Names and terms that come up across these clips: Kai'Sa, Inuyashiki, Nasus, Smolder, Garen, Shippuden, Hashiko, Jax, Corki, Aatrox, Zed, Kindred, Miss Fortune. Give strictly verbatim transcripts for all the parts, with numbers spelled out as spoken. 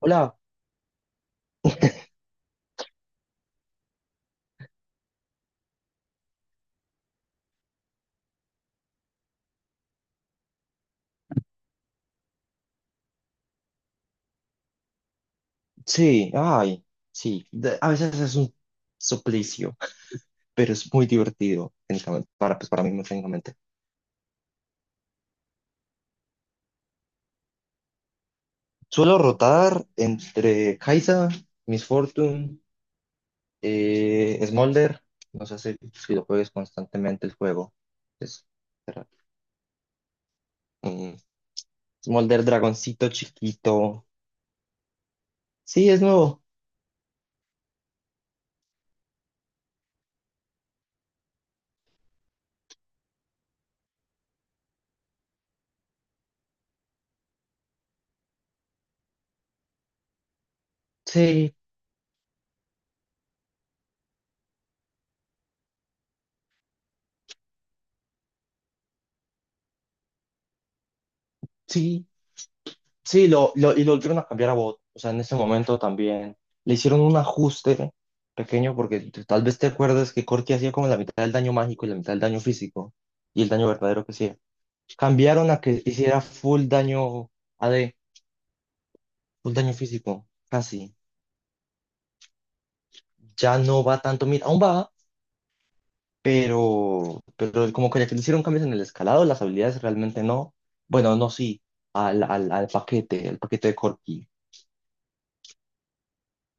Hola, sí, ay, sí, de- a veces es un suplicio, pero es muy divertido, técnicamente, para, pues, para mí, técnicamente. Suelo rotar entre Kai'Sa, Miss Fortune, eh, Smolder, no sé si, si lo juegues constantemente el juego. Es, espera, mm, Smolder, dragoncito chiquito. Sí, es nuevo, sí, sí, sí, lo, lo, y lo volvieron a cambiar a bot. O sea, en ese momento también le hicieron un ajuste pequeño porque t- tal vez te acuerdas que Corki hacía como la mitad del daño mágico y la mitad del daño físico y el daño verdadero que hacía. Cambiaron a que hiciera full daño a AD, full daño físico, casi. Ya no va tanto, mira, aún va, pero, pero como que ya que le hicieron cambios en el escalado, las habilidades realmente no. Bueno, no, sí, al, al, al paquete, el paquete de Corki.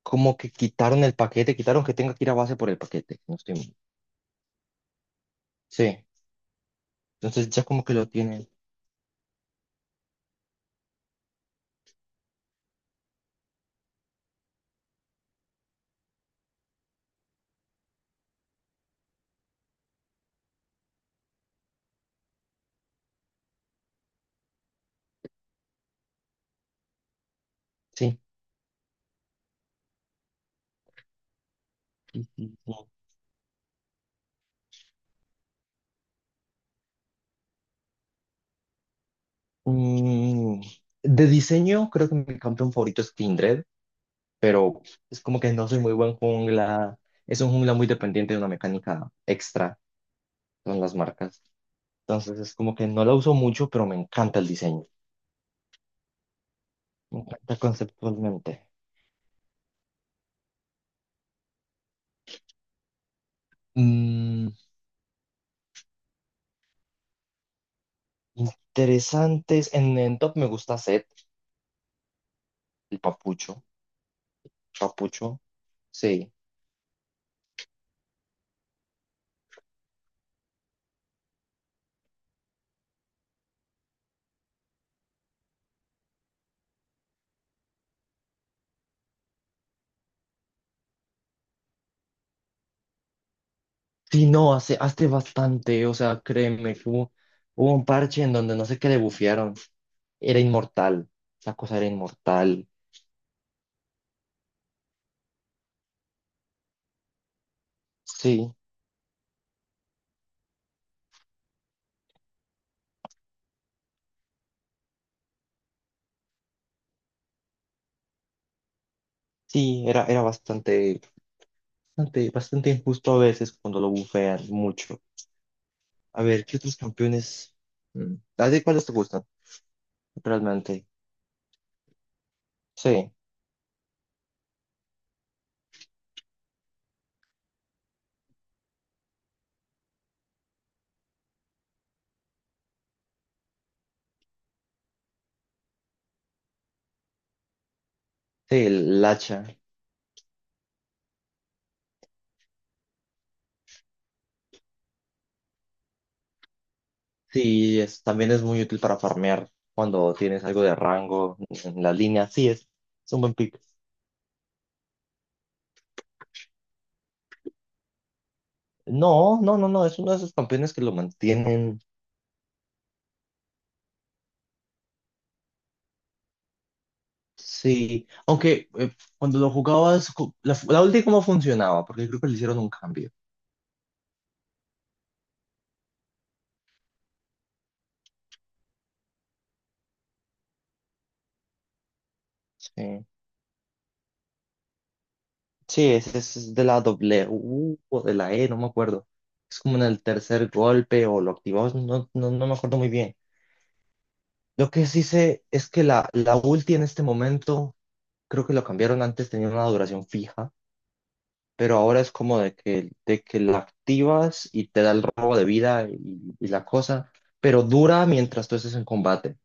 Como que quitaron el paquete, quitaron que tenga que ir a base por el paquete. No estoy mal. Sí, entonces ya como que lo tienen. Sí, sí, sí, sí. Mm, de diseño, creo que mi campeón favorito es Kindred, pero es como que no soy muy buen jungla. Es un jungla muy dependiente de una mecánica extra, son las marcas. Entonces es como que no la uso mucho, pero me encanta el diseño. Me encanta conceptualmente. Mm, interesantes. En, en top me gusta Zed, el papucho. Papucho, sí. Sí, no, hace, hace bastante, o sea, créeme, que hubo, hubo un parche en donde no sé qué le bufearon, era inmortal, esa cosa era inmortal, sí, sí, era, era bastante, bastante, bastante injusto a veces cuando lo bufean mucho. A ver, ¿qué otros campeones? Mm, ¿A ti cuáles te gustan, realmente? Sí, sí, el hacha, sí, es, también es muy útil para farmear cuando tienes algo de rango en la línea, sí, es, es un buen pick. No, no, no, no, es uno de esos campeones que lo mantienen. Sí, aunque eh, cuando lo jugabas, cu- la, la ulti cómo funcionaba, porque creo que le hicieron un cambio. Sí, sí, ese es de la doble U o de la E, no me acuerdo. Es como en el tercer golpe o lo activabas, no, no, no me acuerdo muy bien. Lo que sí sé es que la, la ulti en este momento, creo que lo cambiaron antes, tenía una duración fija. Pero ahora es como de que, de que la activas y te da el robo de vida y, y la cosa, pero dura mientras tú estés en combate.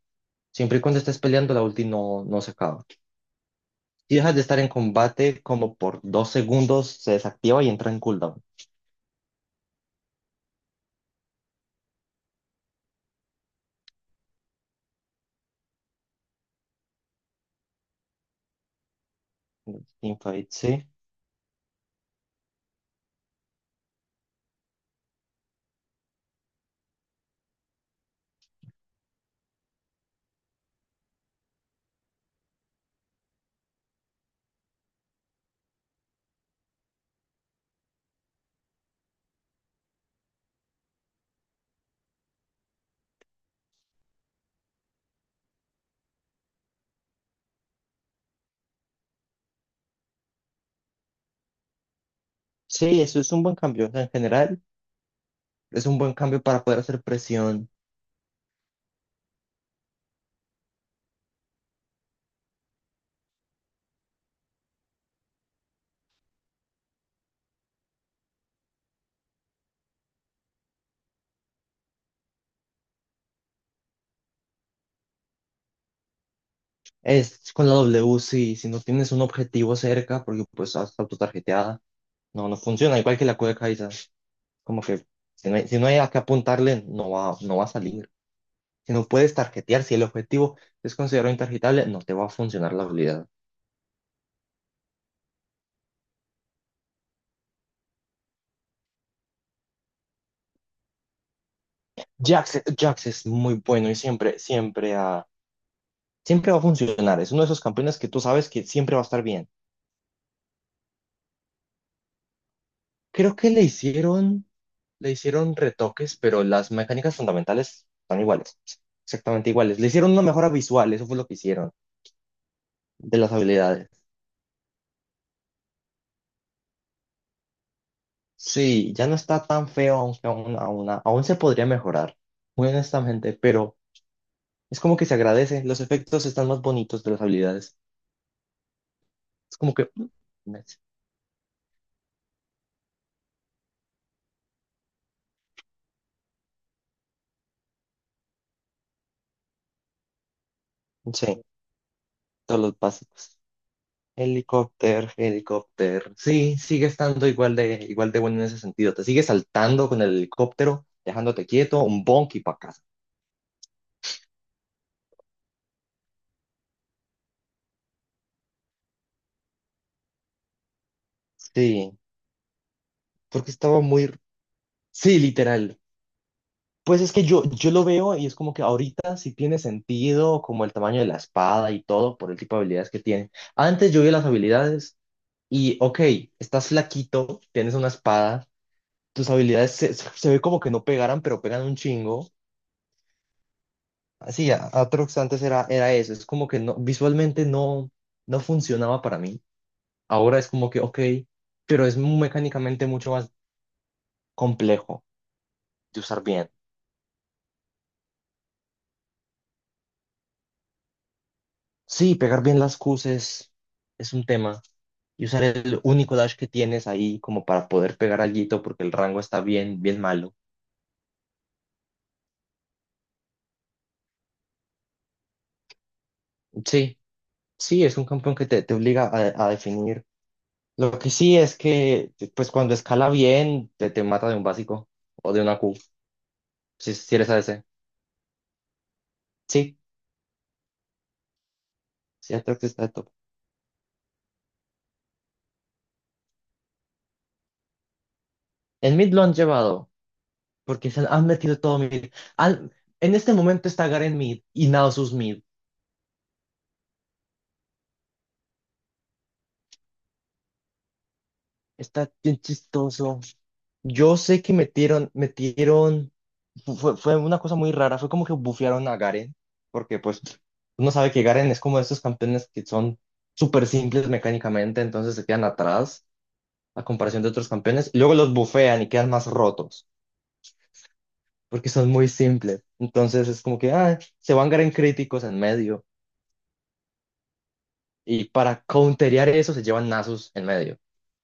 Siempre y cuando estés peleando, la ulti no, no se acaba. Si dejas de estar en combate, como por dos segundos se desactiva y entra en cooldown. Teamfight, sí. Sí, eso es un buen cambio. O sea, en general, es un buen cambio para poder hacer presión. Es con la W, sí, si no tienes un objetivo cerca, porque pues estás autotarjeteada, no, no funciona, igual que la cueca. Como que si no hay, si no hay a qué apuntarle, no va, no va a salir. Si no puedes tarjetear, si el objetivo es considerado intarjetable, no te va a funcionar la habilidad. Jax, Jax es muy bueno y siempre, siempre, ah, siempre va a funcionar. Es uno de esos campeones que tú sabes que siempre va a estar bien. Creo que le hicieron, le hicieron retoques, pero las mecánicas fundamentales son iguales. Exactamente iguales. Le hicieron una mejora visual, eso fue lo que hicieron de las habilidades. Sí, ya no está tan feo, aunque aún, aún, aún se podría mejorar, muy honestamente, pero es como que se agradece. Los efectos están más bonitos de las habilidades. Es como que, mm, sí, todos los básicos. Helicóptero, helicóptero. Sí, sigue estando igual de, igual de bueno en ese sentido. Te sigue saltando con el helicóptero, dejándote quieto, un bonk y para casa. Sí, porque estaba muy... Sí, literal. Pues es que yo, yo lo veo y es como que ahorita sí tiene sentido como el tamaño de la espada y todo por el tipo de habilidades que tiene. Antes yo vi las habilidades y, ok, estás flaquito, tienes una espada, tus habilidades se, se- se ve como que no pegaran, pero pegan un chingo. Así, a- Aatrox antes era, era eso, es como que no, visualmente no, no funcionaba para mí. Ahora es como que, ok, pero es mecánicamente mucho más complejo de usar bien. Sí, pegar bien las Qs es, es un tema. Y usar el único dash que tienes ahí como para poder pegar alguito porque el rango está bien, bien malo. Sí, sí, es un campeón que te, te obliga a, a definir. Lo que sí es que, pues cuando escala bien, te, te mata de un básico o de una Q, si, si eres A D C. Sí, sí, Aatrox está de top. En mid lo han llevado, porque se han han metido todo mid. Al en este momento está Garen mid y Nasus mid. Está bien chistoso. Yo sé que metieron, metieron, fu- fue, fue una cosa muy rara, fue como que bufearon a Garen, porque pues uno sabe que Garen es como de estos campeones que son súper simples mecánicamente, entonces se quedan atrás a comparación de otros campeones, y luego los bufean y quedan más rotos, porque son muy simples. Entonces es como que ah, se van Garen críticos en medio, y para counterear eso se llevan Nasus en medio.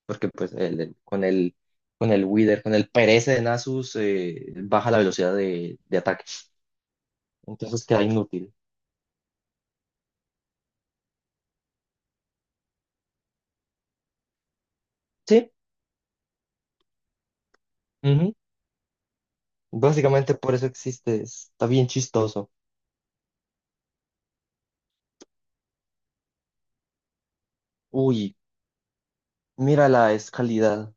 Porque pues el, el- con el, con el Wither, con el Perece de Nasus, eh, baja la velocidad de, de ataque. Entonces queda inútil. Sí, ujú. Básicamente por eso existe, está bien chistoso. Uy, mira la escalidad.